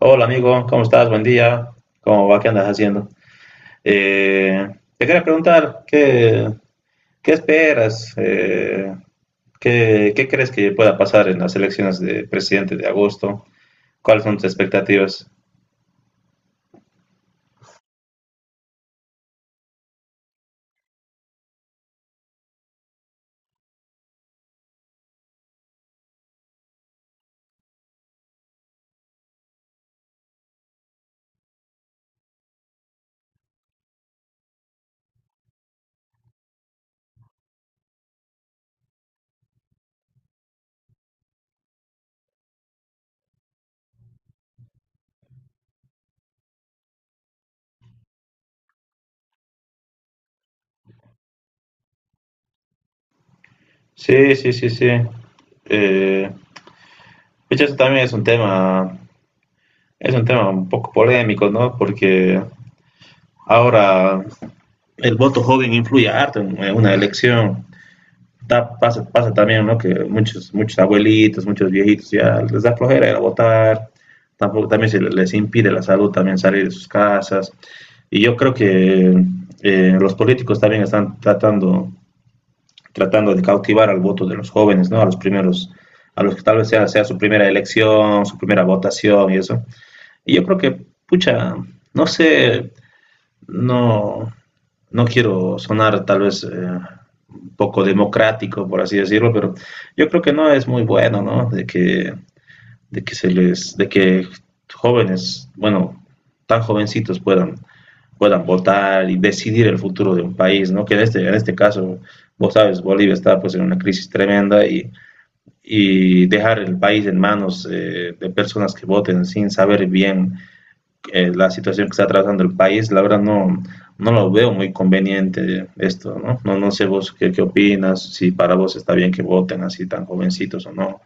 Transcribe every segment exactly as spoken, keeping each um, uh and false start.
Hola amigo, ¿cómo estás? Buen día. ¿Cómo va? ¿Qué andas haciendo? Eh, te quería preguntar, ¿qué, ¿qué esperas? Eh, ¿qué, ¿qué crees que pueda pasar en las elecciones de presidente de agosto? ¿Cuáles son tus expectativas? Sí, sí, sí, sí. Eh, pucha, eso también es un tema, es un tema un poco polémico, ¿no? Porque ahora el voto joven influye harto en en una elección. ta- pasa, pasa también, ¿no? Que muchos, muchos abuelitos, muchos viejitos ya les da flojera ir a votar, tampoco, también se les impide la salud también salir de sus casas. Y yo creo que eh, los políticos también están tratando, tratando de cautivar al voto de los jóvenes, ¿no? A los primeros, a los que tal vez sea, sea su primera elección, su primera votación y eso. Y yo creo que, pucha, no sé, no, no quiero sonar tal vez eh, un poco democrático, por así decirlo, pero yo creo que no es muy bueno, ¿no? De que, de que se les, de que jóvenes, bueno, tan jovencitos puedan, puedan votar y decidir el futuro de un país, ¿no? Que en este, en este caso, vos sabes, Bolivia está pues en una crisis tremenda y, y dejar el país en manos eh, de personas que voten sin saber bien eh, la situación que está atravesando el país, la verdad no, no lo veo muy conveniente esto, ¿no? No, no sé vos qué, qué opinas, si para vos está bien que voten así tan jovencitos o no.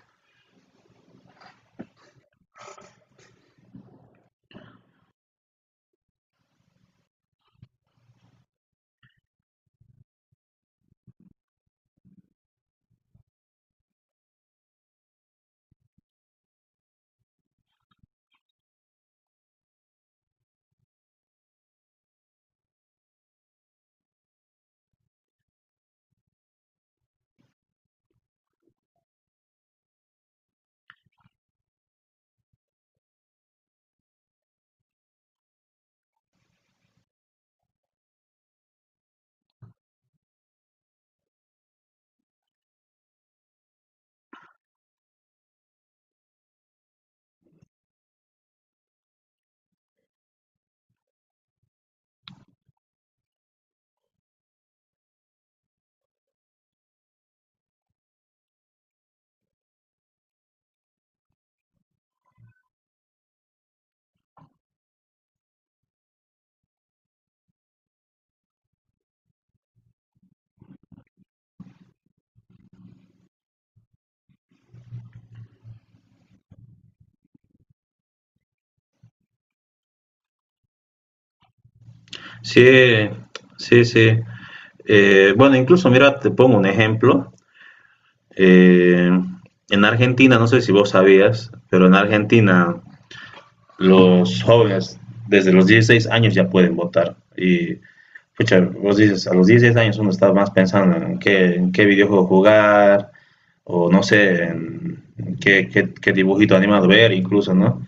Sí, sí, sí. Eh, bueno, incluso mira, te pongo un ejemplo. Eh, en Argentina, no sé si vos sabías, pero en Argentina los jóvenes desde los dieciséis años ya pueden votar. Y pucha, vos dices, a los dieciséis años uno está más pensando en qué, en qué videojuego jugar, o no sé, en qué, qué, qué dibujito animado ver incluso, ¿no?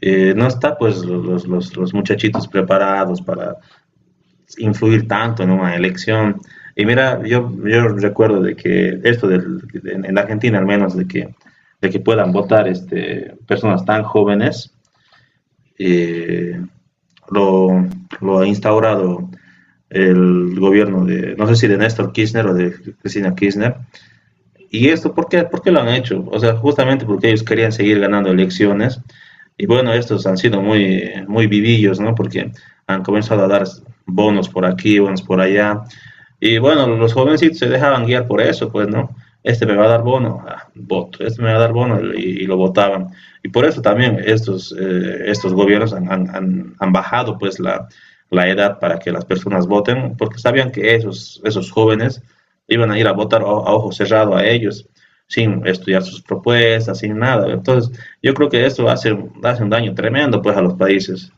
Eh, no está pues los, los, los muchachitos preparados para influir tanto en una elección. Y mira, yo, yo recuerdo de que esto del, en, en Argentina al menos, de que, de que puedan votar este, personas tan jóvenes, eh, lo, lo ha instaurado el gobierno de, no sé si de Néstor Kirchner o de Cristina Kirchner. ¿Y esto por qué, por qué lo han hecho? O sea, justamente porque ellos querían seguir ganando elecciones. Y bueno, estos han sido muy, muy vivillos, ¿no? Porque han comenzado a dar bonos por aquí, bonos por allá. Y bueno, los jovencitos se dejaban guiar por eso, pues, ¿no? Este me va a dar bono, ah, voto, este me va a dar bono y, y lo votaban. Y por eso también estos, eh, estos gobiernos han, han, han bajado, pues, la, la edad para que las personas voten, porque sabían que esos, esos jóvenes iban a ir a votar a, a ojo cerrado a ellos, sin estudiar sus propuestas, sin nada. Entonces, yo creo que esto hace, hace un daño tremendo pues a los países.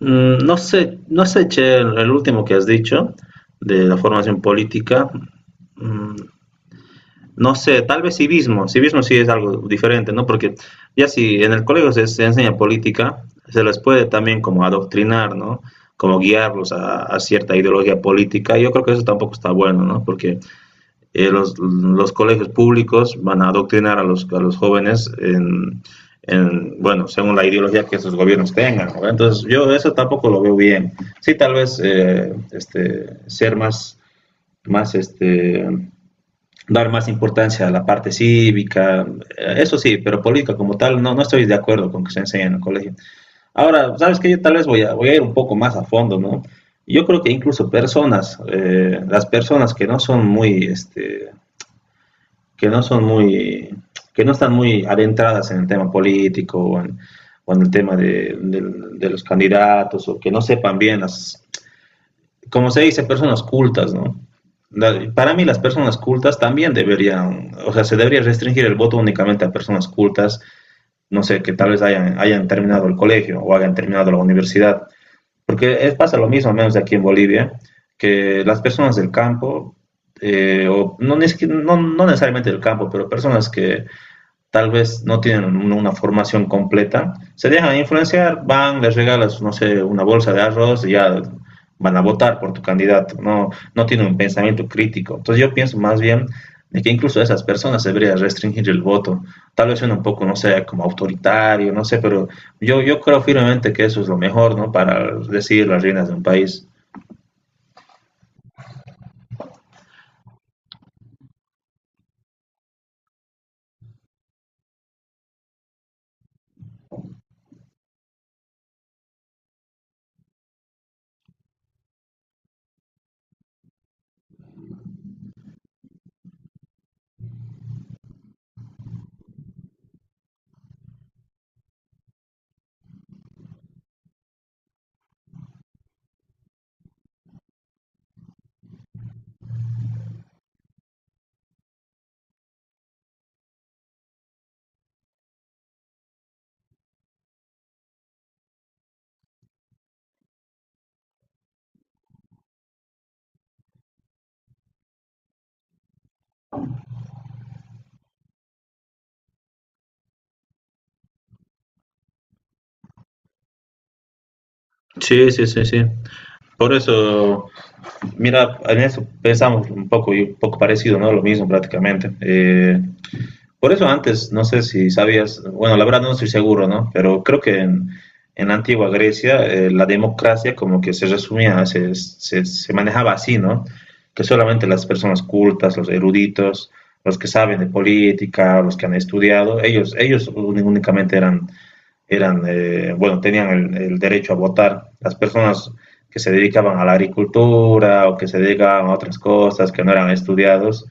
Mm, no sé, no sé, Che, el, el último que has dicho de la formación política, mm, no sé, tal vez civismo, civismo sí es algo diferente, ¿no? Porque ya si en el colegio se, se enseña política, se les puede también como adoctrinar, ¿no? Como guiarlos a, a, cierta ideología política. Yo creo que eso tampoco está bueno, ¿no? Porque eh, los, los colegios públicos van a adoctrinar a los, a los jóvenes en, en, bueno, según la ideología que sus gobiernos tengan, ¿no? Entonces, yo eso tampoco lo veo bien. Sí, tal vez eh, este, ser más, más este, dar más importancia a la parte cívica, eh, eso sí, pero política como tal, no, no estoy de acuerdo con que se enseñe en el colegio. Ahora, ¿sabes que yo tal vez voy a, voy a ir un poco más a fondo, ¿no? Yo creo que incluso personas, eh, las personas que no son muy, este, que no son muy, que no están muy adentradas en el tema político o en, o en el tema de, de, de, los candidatos o que no sepan bien las, como se dice, personas cultas, ¿no? Para mí las personas cultas también deberían, o sea, se debería restringir el voto únicamente a personas cultas, no sé, que tal vez hayan, hayan terminado el colegio o hayan terminado la universidad, porque pasa lo mismo, al menos aquí en Bolivia, que las personas del campo, eh, o no, no, no necesariamente del campo, pero personas que, tal vez no tienen una formación completa, se dejan influenciar, van, les regalas, no sé, una bolsa de arroz y ya van a votar por tu candidato, no, no tienen un pensamiento crítico. Entonces yo pienso más bien de que incluso esas personas se debería restringir el voto. Tal vez suena un poco, no sé, como autoritario, no sé, pero yo, yo creo firmemente que eso es lo mejor, ¿no? Para decidir las reinas de un país. Sí, sí, sí, sí. Por eso, mira, en eso pensamos un poco, un poco parecido, ¿no? Lo mismo prácticamente. Eh, Por eso antes, no sé si sabías, bueno, la verdad no estoy seguro, ¿no? Pero creo que en, en la antigua Grecia eh, la democracia como que se resumía, se, se, se manejaba así, ¿no? Que solamente las personas cultas, los eruditos, los que saben de política, los que han estudiado, ellos, ellos únicamente eran eran, eh, bueno, tenían el, el derecho a votar. Las personas que se dedicaban a la agricultura o que se dedicaban a otras cosas, que no eran estudiados,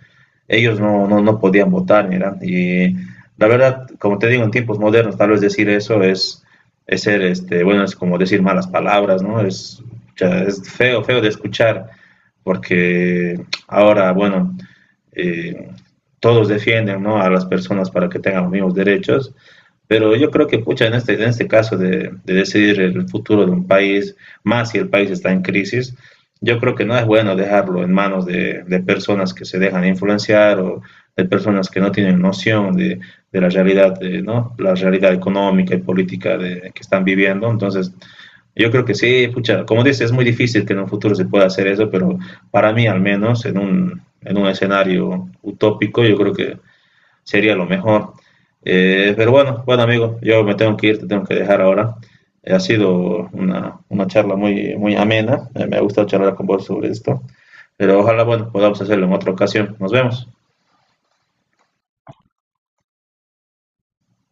ellos no, no, no podían votar, mira. Y la verdad, como te digo, en tiempos modernos, tal vez decir eso es, es ser, este, bueno, es como decir malas palabras, ¿no? Es, es feo, feo de escuchar, porque ahora, bueno, eh, todos defienden, ¿no? A las personas para que tengan los mismos derechos, pero yo creo que, pucha, en este, en este caso de, de decidir el futuro de un país, más si el país está en crisis, yo creo que no es bueno dejarlo en manos de, de personas que se dejan influenciar o de personas que no tienen noción de, de la realidad, de, ¿no? La realidad económica y política de, que están viviendo. Entonces, yo creo que sí, pucha, como dices, es muy difícil que en un futuro se pueda hacer eso, pero para mí al menos, en un, en un escenario utópico, yo creo que sería lo mejor. Eh, pero bueno, bueno amigo, yo me tengo que ir, te tengo que dejar ahora. Eh, ha sido una, una charla muy, muy amena, eh, me ha gustado charlar con vos sobre esto, pero ojalá, bueno, podamos hacerlo en otra ocasión. Nos vemos.